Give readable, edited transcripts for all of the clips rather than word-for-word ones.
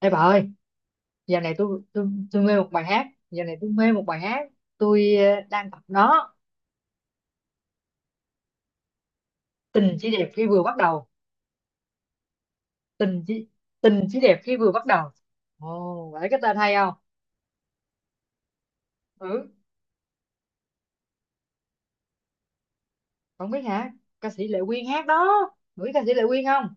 Ê bà ơi, giờ này tôi mê một bài hát, giờ này tôi mê một bài hát, tôi đang tập nó, tình chỉ đẹp khi vừa bắt đầu, tình chỉ tình chỉ đẹp khi vừa bắt đầu. Ồ, phải cái tên hay không? Ừ, không biết hả? Ca sĩ Lệ Quyên hát đó. Bà biết ca sĩ Lệ Quyên không?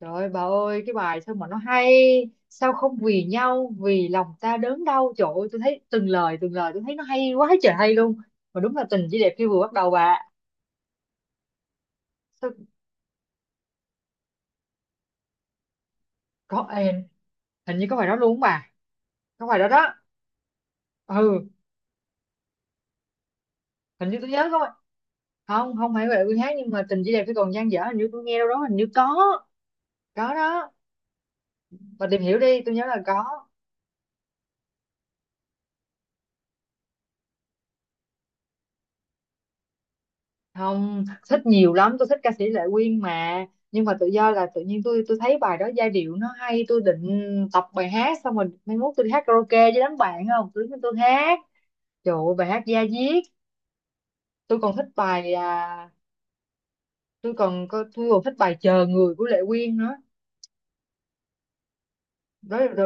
Trời ơi, bà ơi, cái bài sao mà nó hay, sao không vì nhau, vì lòng ta đớn đau, trời ơi, tôi thấy từng lời tôi thấy nó hay quá trời hay luôn. Mà đúng là tình chỉ đẹp khi vừa bắt đầu bà. Sao có hình như có bài đó luôn không bà? Có bài đó đó. ừ hình như tôi nhớ không không không phải Huệ Vương hát nhưng mà tình chỉ đẹp khi còn dang dở hình như tôi nghe đâu đó hình như có đó, mà tìm hiểu đi tôi nhớ là có. Không thích nhiều lắm, tôi thích ca sĩ Lệ Quyên mà, nhưng mà tự do là tự nhiên tôi thấy bài đó giai điệu nó hay, tôi định tập bài hát xong rồi mai mốt tôi đi hát karaoke với đám bạn, không tôi đứng tôi hát, trời ơi bài hát da diết. Tôi còn thích bài tôi còn thích bài Chờ Người của Lệ Quyên nữa. Đó, đó,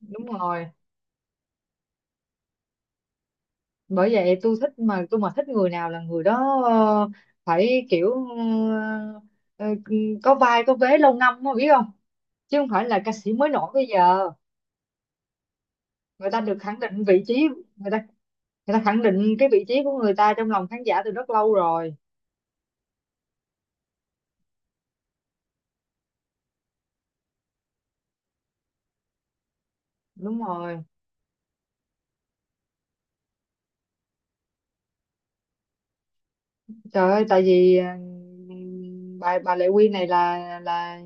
đúng rồi, bởi vậy tôi thích mà, tôi mà thích người nào là người đó phải kiểu ờ, ờ, có vai có vế lâu năm mà biết không, chứ không phải là ca sĩ mới nổi bây giờ. Người ta được khẳng định vị trí, người ta người ta khẳng định cái vị trí của người ta trong lòng khán giả từ rất lâu rồi. Đúng rồi, trời ơi tại vì bà Lệ Quyên này là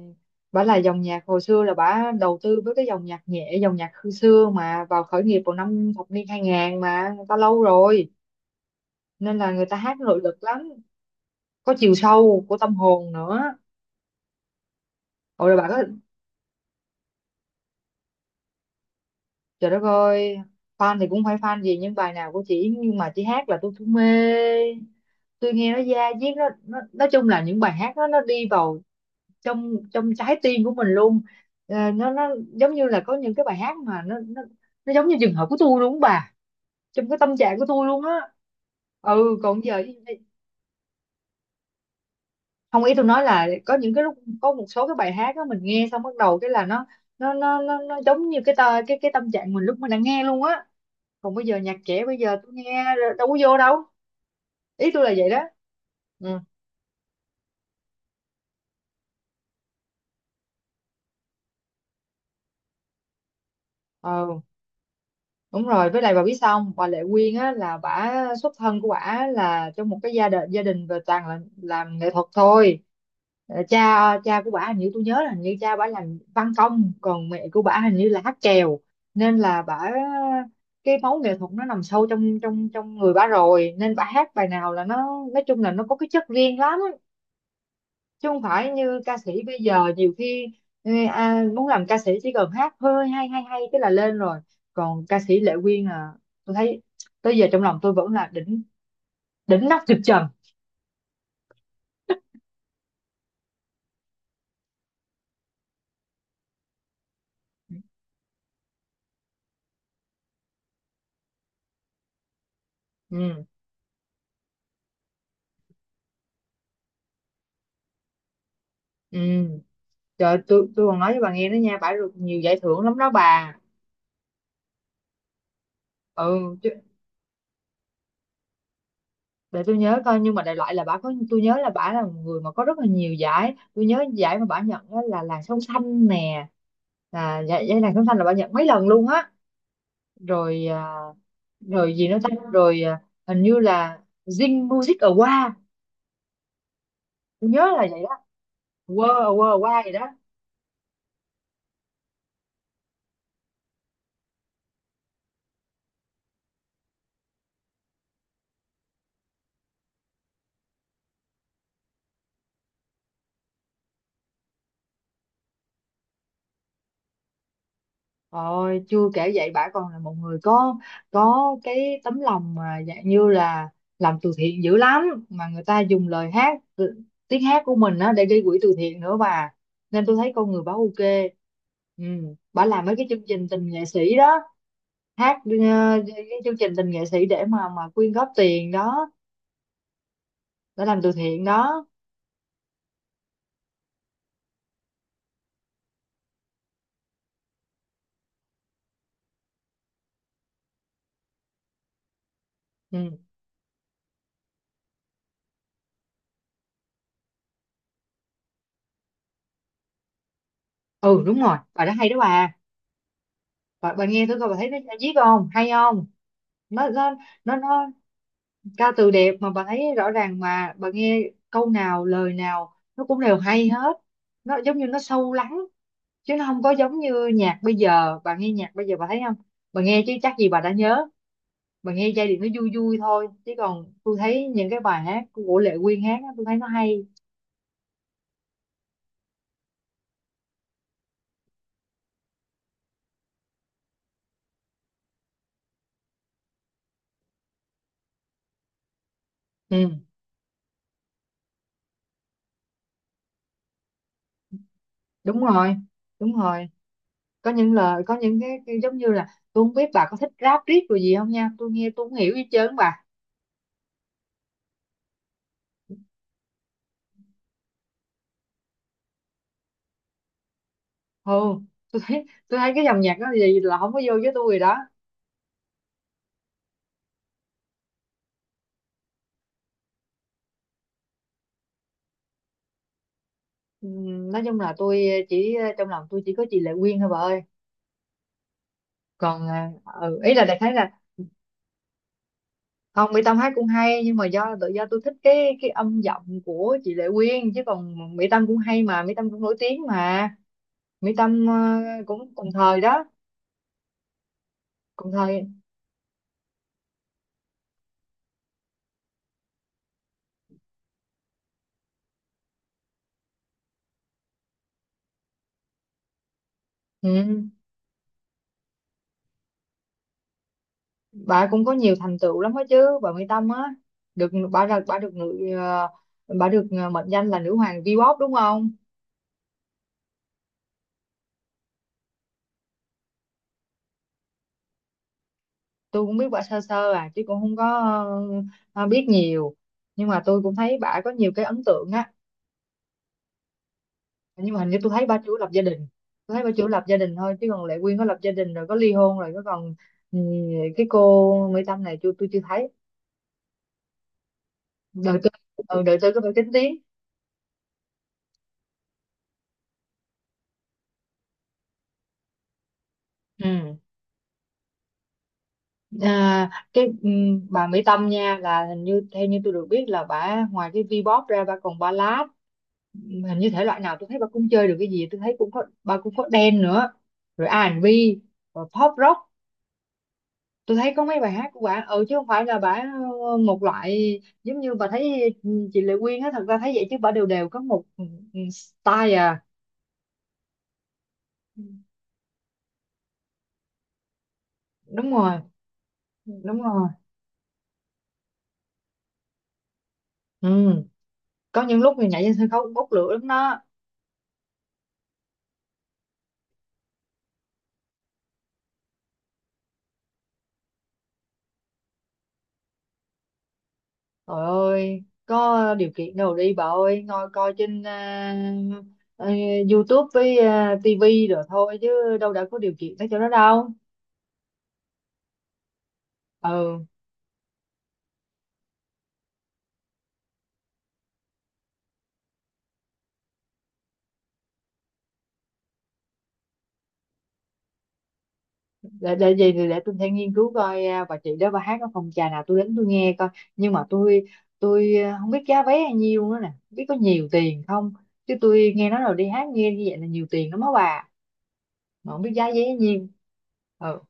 bà là dòng nhạc hồi xưa, là bà đầu tư với cái dòng nhạc nhẹ, dòng nhạc hồi xưa mà, vào khởi nghiệp vào năm thập niên 2000 mà, người ta lâu rồi nên là người ta hát nội lực lắm, có chiều sâu của tâm hồn nữa. Ôi là bà có, trời đất ơi, fan thì cũng phải fan gì, nhưng bài nào của chị, nhưng mà chị hát là tôi cũng mê. Tôi nghe nó da diết, nó nói chung là những bài hát đó nó đi vào trong trong trái tim của mình luôn. Ờ, nó giống như là có những cái bài hát mà nó giống như trường hợp của tôi luôn á bà, trong cái tâm trạng của tôi luôn á. Ừ, còn giờ không, ý tôi nói là có những cái lúc, có một số cái bài hát đó mình nghe xong bắt đầu cái là nó giống như cái tờ, cái tâm trạng mình lúc mình đang nghe luôn á. Còn bây giờ nhạc trẻ bây giờ tôi nghe đâu có vô đâu, ý tôi là vậy đó. Ừ, ờ, đúng rồi, với lại bà biết sao không, bà Lệ Quyên á là bả, xuất thân của bả là trong một cái gia đình, gia đình về toàn là làm nghệ thuật thôi. Ờ, cha cha của bả hình như tôi nhớ là hình như cha bả làm văn công, còn mẹ của bả hình như là hát chèo, nên là bả, cái máu nghệ thuật nó nằm sâu trong trong trong người bả rồi, nên bả hát bài nào là nó, nói chung là nó có cái chất riêng lắm, chứ không phải như ca sĩ bây giờ nhiều khi muốn làm ca sĩ chỉ cần hát hơi hay hay hay cái là lên rồi. Còn ca sĩ Lệ Quyên tôi thấy tới giờ trong lòng tôi vẫn là đỉnh, đỉnh nóc trực trần. ừ ừ Trời ơi, tôi còn nói với bà nghe đó nha, bà được nhiều giải thưởng lắm đó bà. ừ chứ- để tôi nhớ coi, nhưng mà đại loại là bà có, tôi nhớ là bà là một người mà có rất là nhiều giải, tôi nhớ giải mà bà nhận đó là Làn Sóng Xanh nè, là giải, giải Làn Sóng Xanh là bà nhận mấy lần luôn á. Rồi rồi gì nữa ta, rồi hình như là Zing Music Award, tôi nhớ là vậy đó. Wow Award, Award gì đó. Rồi chưa kể vậy bả còn là một người có cái tấm lòng mà dạng như là làm từ thiện dữ lắm, mà người ta dùng lời hát tiếng hát của mình á để gây quỹ từ thiện nữa bà, nên tôi thấy con người bả ok. Ừ, bả làm mấy cái chương trình tình nghệ sĩ đó, hát cái chương trình tình nghệ sĩ để mà quyên góp tiền đó, để làm từ thiện đó. Ừ, ừ, đúng rồi bài đó hay đó bà. Bà nghe tôi coi bà thấy nó viết không hay không, nó nó ca từ đẹp mà, bà thấy rõ ràng mà, bà nghe câu nào lời nào nó cũng đều hay hết, nó giống như nó sâu lắng, chứ nó không có giống như nhạc bây giờ. Bà nghe nhạc bây giờ bà thấy không, bà nghe chứ chắc gì bà đã nhớ, bà nghe giai điệu nó vui vui thôi, chứ còn tôi thấy những cái bài hát của Lệ Quyên hát á, tôi thấy nó hay. Ừ, đúng rồi, đúng rồi, có những lời có cái giống như là, tôi không biết bà có thích rap riết rồi gì không nha, tôi nghe tôi không hiểu gì hết trơn bà. Ừ, tôi thấy cái dòng nhạc đó gì là không có vô với tôi rồi đó. Nói chung là tôi chỉ trong lòng tôi chỉ có chị Lệ Quyên thôi bà ơi, còn ừ, ý là đại khái là không, Mỹ Tâm hát cũng hay, nhưng mà do tự do tôi thích cái âm giọng của chị Lệ Quyên, chứ còn Mỹ Tâm cũng hay mà, Mỹ Tâm cũng nổi tiếng mà, Mỹ Tâm cũng cùng thời đó, cùng thời. Ừ, bà cũng có nhiều thành tựu lắm đó chứ bà Mỹ Tâm á, được bà ra bà được người bà được mệnh danh là nữ hoàng V-pop đúng không. Tôi cũng biết bà sơ sơ à, chứ cũng không có ờ, biết nhiều, nhưng mà tôi cũng thấy bà có nhiều cái ấn tượng á, nhưng mà hình như tôi thấy bà chủ lập gia đình. Tôi thấy bà chủ lập gia đình thôi, chứ còn Lệ Quyên có lập gia đình rồi có ly hôn rồi có còn, ừ, cái cô Mỹ Tâm này tôi chưa thấy đời tôi, ừ, đời tôi có phải kín tiếng. Ừ, À, cái bà Mỹ Tâm nha là hình như theo như tôi được biết là bà ngoài cái V-pop ra bà còn ballad. Hình như thể loại nào tôi thấy bà cũng chơi được, cái gì tôi thấy cũng có, bà cũng có dance nữa, rồi R&B, rồi pop rock, tôi thấy có mấy bài hát của bà, ừ, chứ không phải là bà một loại, giống như bà thấy chị Lệ Quyên á, thật ra thấy vậy chứ bà đều đều có một style à. Ừ, đúng rồi, Ừ, đúng rồi, ừ, có những lúc thì nhảy trên sân khấu cũng bốc lửa lắm đó. Trời ơi, có điều kiện đâu đi bà ơi, ngồi coi trên à, YouTube với TV rồi thôi, chứ đâu đã có điều kiện tới chỗ đó đâu. Ừ, để gì thì để tôi sẽ nghiên cứu coi bà chị đó bà hát ở phòng trà nào tôi đến tôi nghe coi. Nhưng mà tôi không biết giá vé bao nhiêu nữa nè, không biết có nhiều tiền không. Chứ tôi nghe nói rồi đi hát nghe như vậy là nhiều tiền lắm á bà, mà không biết giá vé bao nhiêu. Ừ.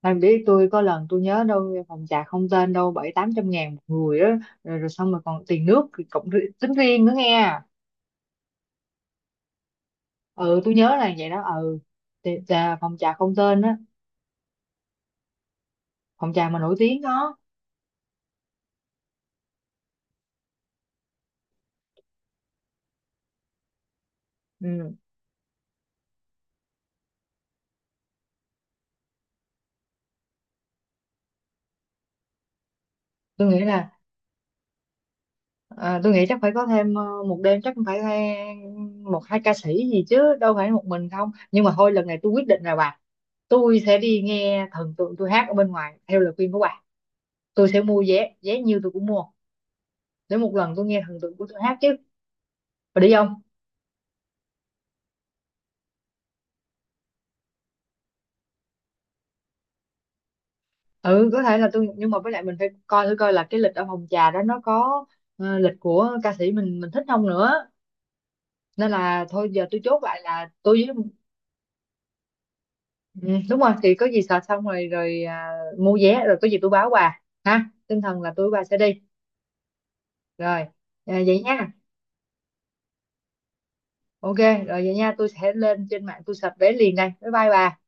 Em biết tôi có lần tôi nhớ đâu phòng trà Không Tên đâu bảy tám trăm ngàn một người đó, rồi, rồi xong rồi còn tiền nước thì tính riêng nữa nghe. Ừ, tôi nhớ là vậy đó. Ừ, thì, phòng trà Không Tên á, phòng trà mà nổi tiếng đó. Ừ, tôi nghĩ là tôi nghĩ chắc phải có thêm một đêm chắc cũng phải một hai ca sĩ gì chứ đâu phải một mình không. Nhưng mà thôi lần này tôi quyết định rồi bà, tôi sẽ đi nghe thần tượng tôi hát ở bên ngoài theo lời khuyên của bà. Tôi sẽ mua vé, vé nhiêu tôi cũng mua để một lần tôi nghe thần tượng của tôi hát chứ, và đi không. Ừ, có thể là tôi, nhưng mà với lại mình phải coi thử coi là cái lịch ở phòng trà đó nó có lịch của ca sĩ mình thích không nữa, nên là thôi giờ tôi chốt lại là tôi với. Ừ, đúng rồi, thì có gì sợ xong rồi rồi à, mua vé rồi có gì tôi báo bà ha, tinh thần là tôi và sẽ đi rồi. Vậy nha, ok rồi vậy nha, tôi sẽ lên trên mạng tôi search vé liền đây, bye bye bà.